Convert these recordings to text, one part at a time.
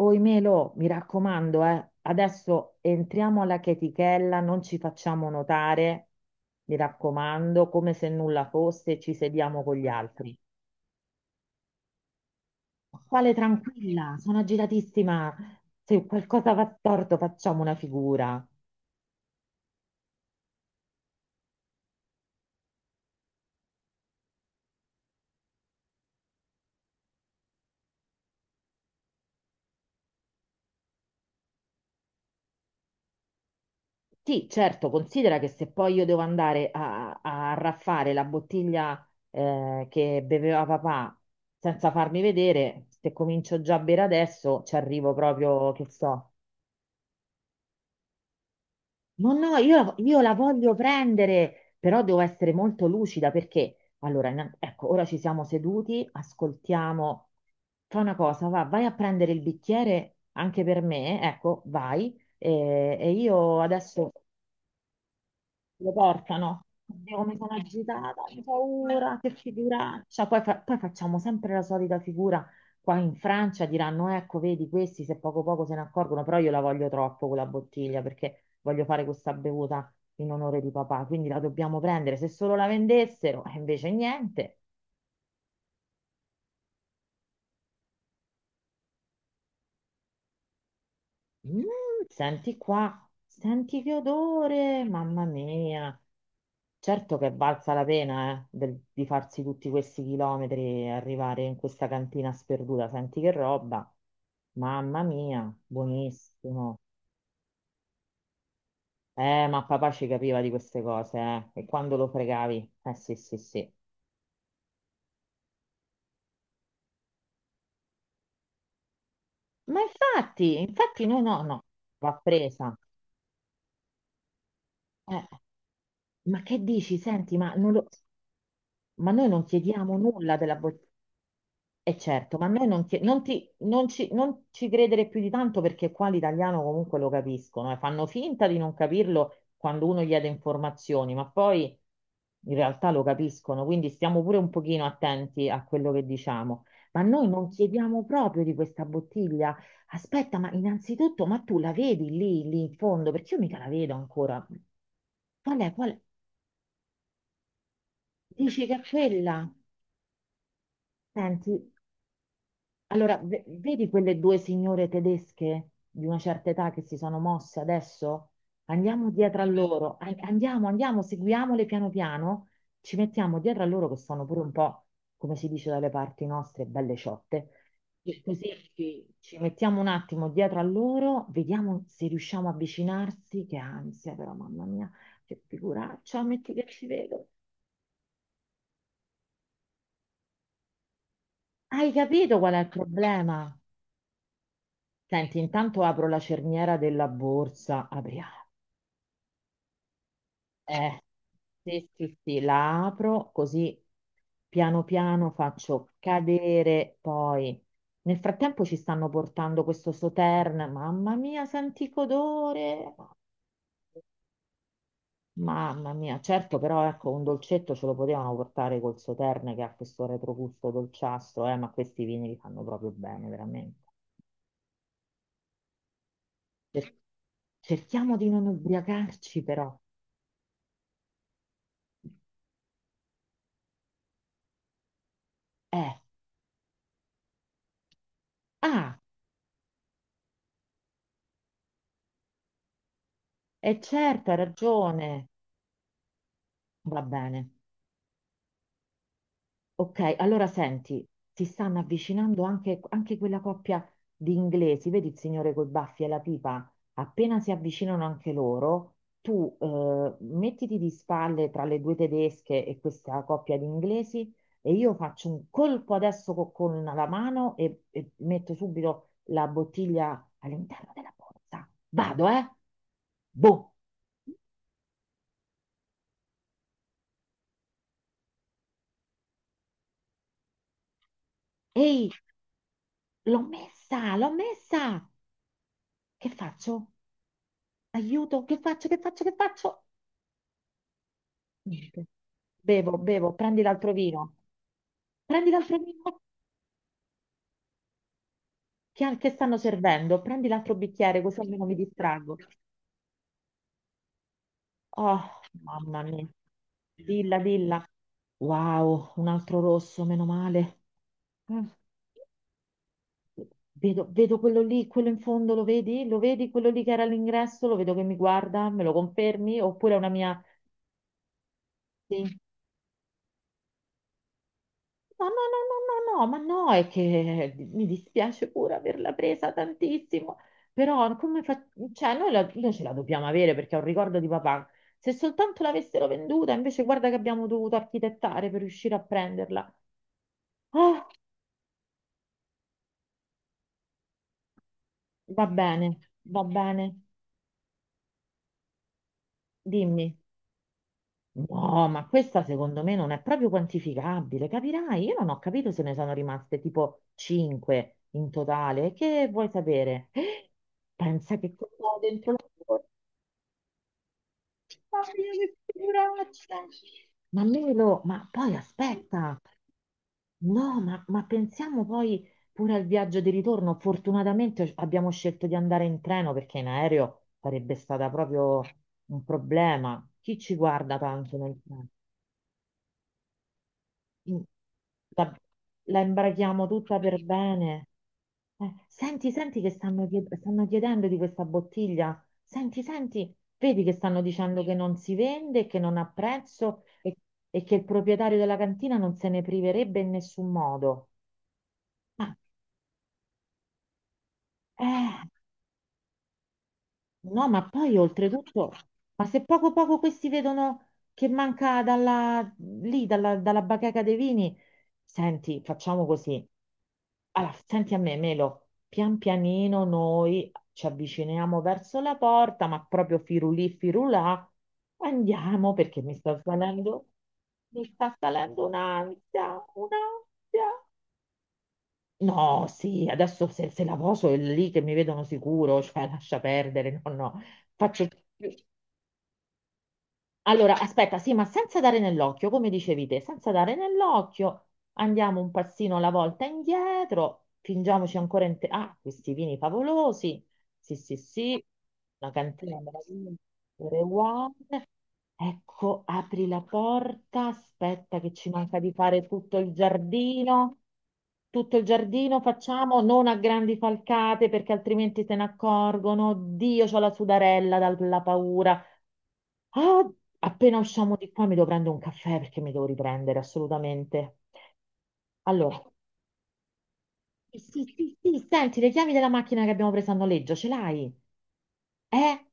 Oi Melo, mi raccomando, adesso entriamo alla chetichella, non ci facciamo notare, mi raccomando, come se nulla fosse, ci sediamo con gli altri. Quale tranquilla, sono agitatissima. Se qualcosa va storto, facciamo una figura. Sì, certo, considera che se poi io devo andare a raffare la bottiglia che beveva papà senza farmi vedere, se comincio già a bere adesso, ci arrivo proprio, che so. No, no, io la voglio prendere, però devo essere molto lucida perché, allora, ecco, ora ci siamo seduti, ascoltiamo. Fa una cosa, va, vai a prendere il bicchiere anche per me, ecco, vai, e io adesso lo portano. Oddio, come sono agitata, ho paura, che figuraccia. Poi, poi facciamo sempre la solita figura. Qua in Francia diranno, ecco, vedi, questi se poco poco se ne accorgono, però io la voglio troppo quella bottiglia perché voglio fare questa bevuta in onore di papà, quindi la dobbiamo prendere. Se solo la vendessero, e invece niente. Mm, senti qua, senti che odore, mamma mia. Certo che è valsa la pena, di farsi tutti questi chilometri e arrivare in questa cantina sperduta. Senti che roba. Mamma mia, buonissimo. Ma papà ci capiva di queste cose, eh. E quando lo fregavi? Eh sì, sì, sì. Ma infatti, infatti no, no, no, va presa. Eh, ma che dici? Senti, ma, non lo- ma noi non chiediamo nulla della bolletta. E certo, ma a me non ci credere più di tanto perché qua l'italiano comunque lo capiscono e fanno finta di non capirlo quando uno chiede informazioni, ma poi in realtà lo capiscono, quindi stiamo pure un pochino attenti a quello che diciamo. Ma noi non chiediamo proprio di questa bottiglia. Aspetta, ma innanzitutto, ma tu la vedi lì in fondo? Perché io mica la vedo ancora. Qual è? Qual è? Dici che è quella? Senti, allora, vedi quelle due signore tedesche di una certa età che si sono mosse adesso? Andiamo dietro a loro, andiamo, andiamo, seguiamole piano piano, ci mettiamo dietro a loro che sono pure un po', come si dice dalle parti nostre, belle ciotte. E così ci mettiamo un attimo dietro a loro, vediamo se riusciamo a avvicinarsi, che ansia però, mamma mia, che figuraccia, metti che ci vedo. Hai capito qual è il problema? Senti, intanto apro la cerniera della borsa. Apriamo. Eh, sì, sì, sì, la apro così piano piano faccio cadere poi. Nel frattempo ci stanno portando questo Sautern. Mamma mia, senti che odore! Mamma mia, certo, però ecco, un dolcetto ce lo potevano portare col Sauterne che ha questo retrogusto dolciastro, ma questi vini li fanno proprio bene, veramente. Cer- cerchiamo di non ubriacarci, però. Eh. Ah, è certo, hai ragione. Va bene. Ok, allora senti, si stanno avvicinando anche quella coppia di inglesi, vedi il signore coi baffi e la pipa? Appena si avvicinano anche loro, tu mettiti di spalle tra le due tedesche e questa coppia di inglesi e io faccio un colpo adesso con la mano e metto subito la bottiglia all'interno della borsa. Vado, eh? Boh. Ehi! L'ho messa, l'ho messa! Che faccio? Aiuto, che faccio, che faccio, che faccio? Niente. Bevo, bevo, prendi l'altro vino. Prendi l'altro vino che stanno servendo. Prendi l'altro bicchiere, così almeno mi distraggo. Oh, mamma mia. Dilla, dilla. Wow, un altro rosso, meno male. Mm. Vedo, vedo quello lì, quello in fondo, lo vedi? Lo vedi quello lì che era all'ingresso? Lo vedo che mi guarda, me lo confermi? Oppure è una mia... Sì. No, no, no, no, no, no, ma no, è che mi dispiace pure averla presa tantissimo, però come fa... cioè, noi, noi ce la dobbiamo avere perché è un ricordo di papà. Se soltanto l'avessero venduta, invece guarda che abbiamo dovuto architettare per riuscire a prenderla. Ah, va bene, dimmi. No, ma questa secondo me non è proprio quantificabile, capirai? Io non ho capito se ne sono rimaste tipo 5 in totale. Che vuoi sapere? Pensa che cosa ho dentro la. Ma che figuraccia! Ma Melo, ma poi aspetta, no, ma pensiamo poi pure al viaggio di ritorno. Fortunatamente abbiamo scelto di andare in treno perché in aereo sarebbe stata proprio un problema. Chi ci guarda tanto nel treno? Mm, la, la imbraghiamo tutta per bene. Senti, senti che stanno, stanno chiedendo di questa bottiglia. Senti, senti, vedi che stanno dicendo che non si vende, che non ha prezzo e che il proprietario della cantina non se ne priverebbe in nessun modo. Ma, eh, no, ma poi oltretutto, ma se poco poco questi vedono che manca dalla bacheca dei vini, senti, facciamo così. Allora, senti a me, Melo, pian pianino noi ci avviciniamo verso la porta, ma proprio firulì, firulà, andiamo perché mi sta salendo un'ansia, un'ansia. No, sì, adesso se la poso è lì che mi vedono sicuro, cioè lascia perdere, no, no, faccio... Allora, aspetta, sì, ma senza dare nell'occhio, come dicevi te, senza dare nell'occhio, andiamo un passino alla volta indietro, fingiamoci ancora in te... Ah, questi vini favolosi, sì, sì, sì, una cantina meravigliosa. Ecco, apri la porta, aspetta che ci manca di fare tutto il giardino. Tutto il giardino facciamo, non a grandi falcate perché altrimenti se ne accorgono. Dio, c'ho la sudarella dalla paura. Ah, appena usciamo di qua mi devo prendere un caffè perché mi devo riprendere assolutamente. Allora, sì, sì, sì, senti, le chiavi della macchina che abbiamo preso a noleggio, ce l'hai? Eh?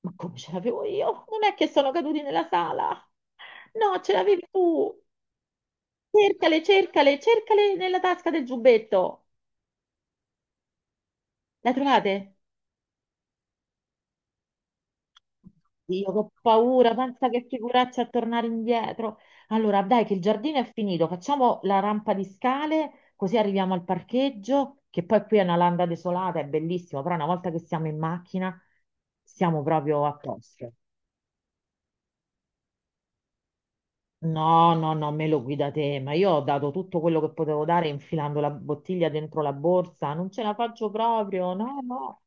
Ma come ce l'avevo io? Non è che sono caduti nella sala. No, ce l'avevi tu. Cercale, cercale, cercale nella tasca del giubbetto. La trovate? Io che ho paura, pensa che figuraccia a tornare indietro. Allora, dai, che il giardino è finito, facciamo la rampa di scale, così arriviamo al parcheggio, che poi qui è una landa desolata, è bellissimo, però una volta che siamo in macchina siamo proprio a posto. No, no, no, me lo guida te, ma io ho dato tutto quello che potevo dare infilando la bottiglia dentro la borsa, non ce la faccio proprio, no, no.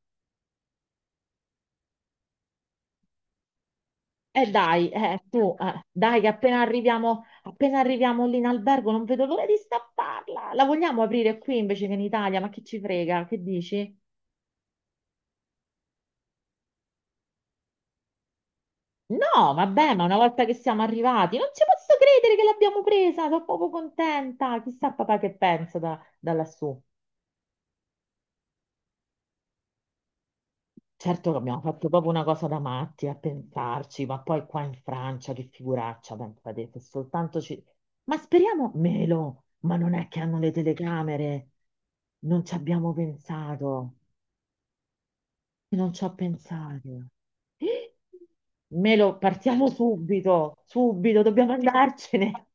Dai, tu, dai, che appena arriviamo lì in albergo non vedo l'ora di stapparla. La vogliamo aprire qui invece che in Italia? Ma che ci frega? Che dici? No, vabbè, ma una volta che siamo arrivati, non ci posso credere che l'abbiamo presa, sono proprio contenta. Chissà papà che pensa da lassù. Certo che abbiamo fatto proprio una cosa da matti a pensarci, ma poi qua in Francia che figuraccia, pensate, se soltanto ci... Ma speriamo meno, ma non è che hanno le telecamere, non ci abbiamo pensato, non ci ho pensato. Melo, partiamo subito, subito, dobbiamo andarcene,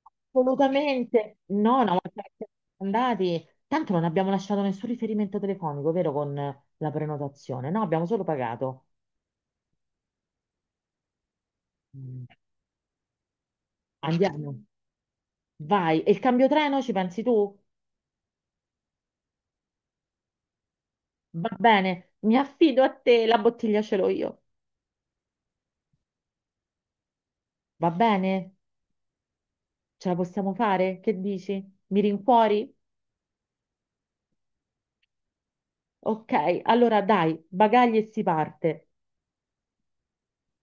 assolutamente. No, no, ma siamo andati, tanto non abbiamo lasciato nessun riferimento telefonico, vero, con la prenotazione, no, abbiamo solo pagato. Andiamo, vai. E il cambio treno ci pensi tu? Va bene, mi affido a te, la bottiglia ce l'ho io. Va bene? Ce la possiamo fare? Che dici? Mi rincuori? Ok, allora dai, bagagli e si parte.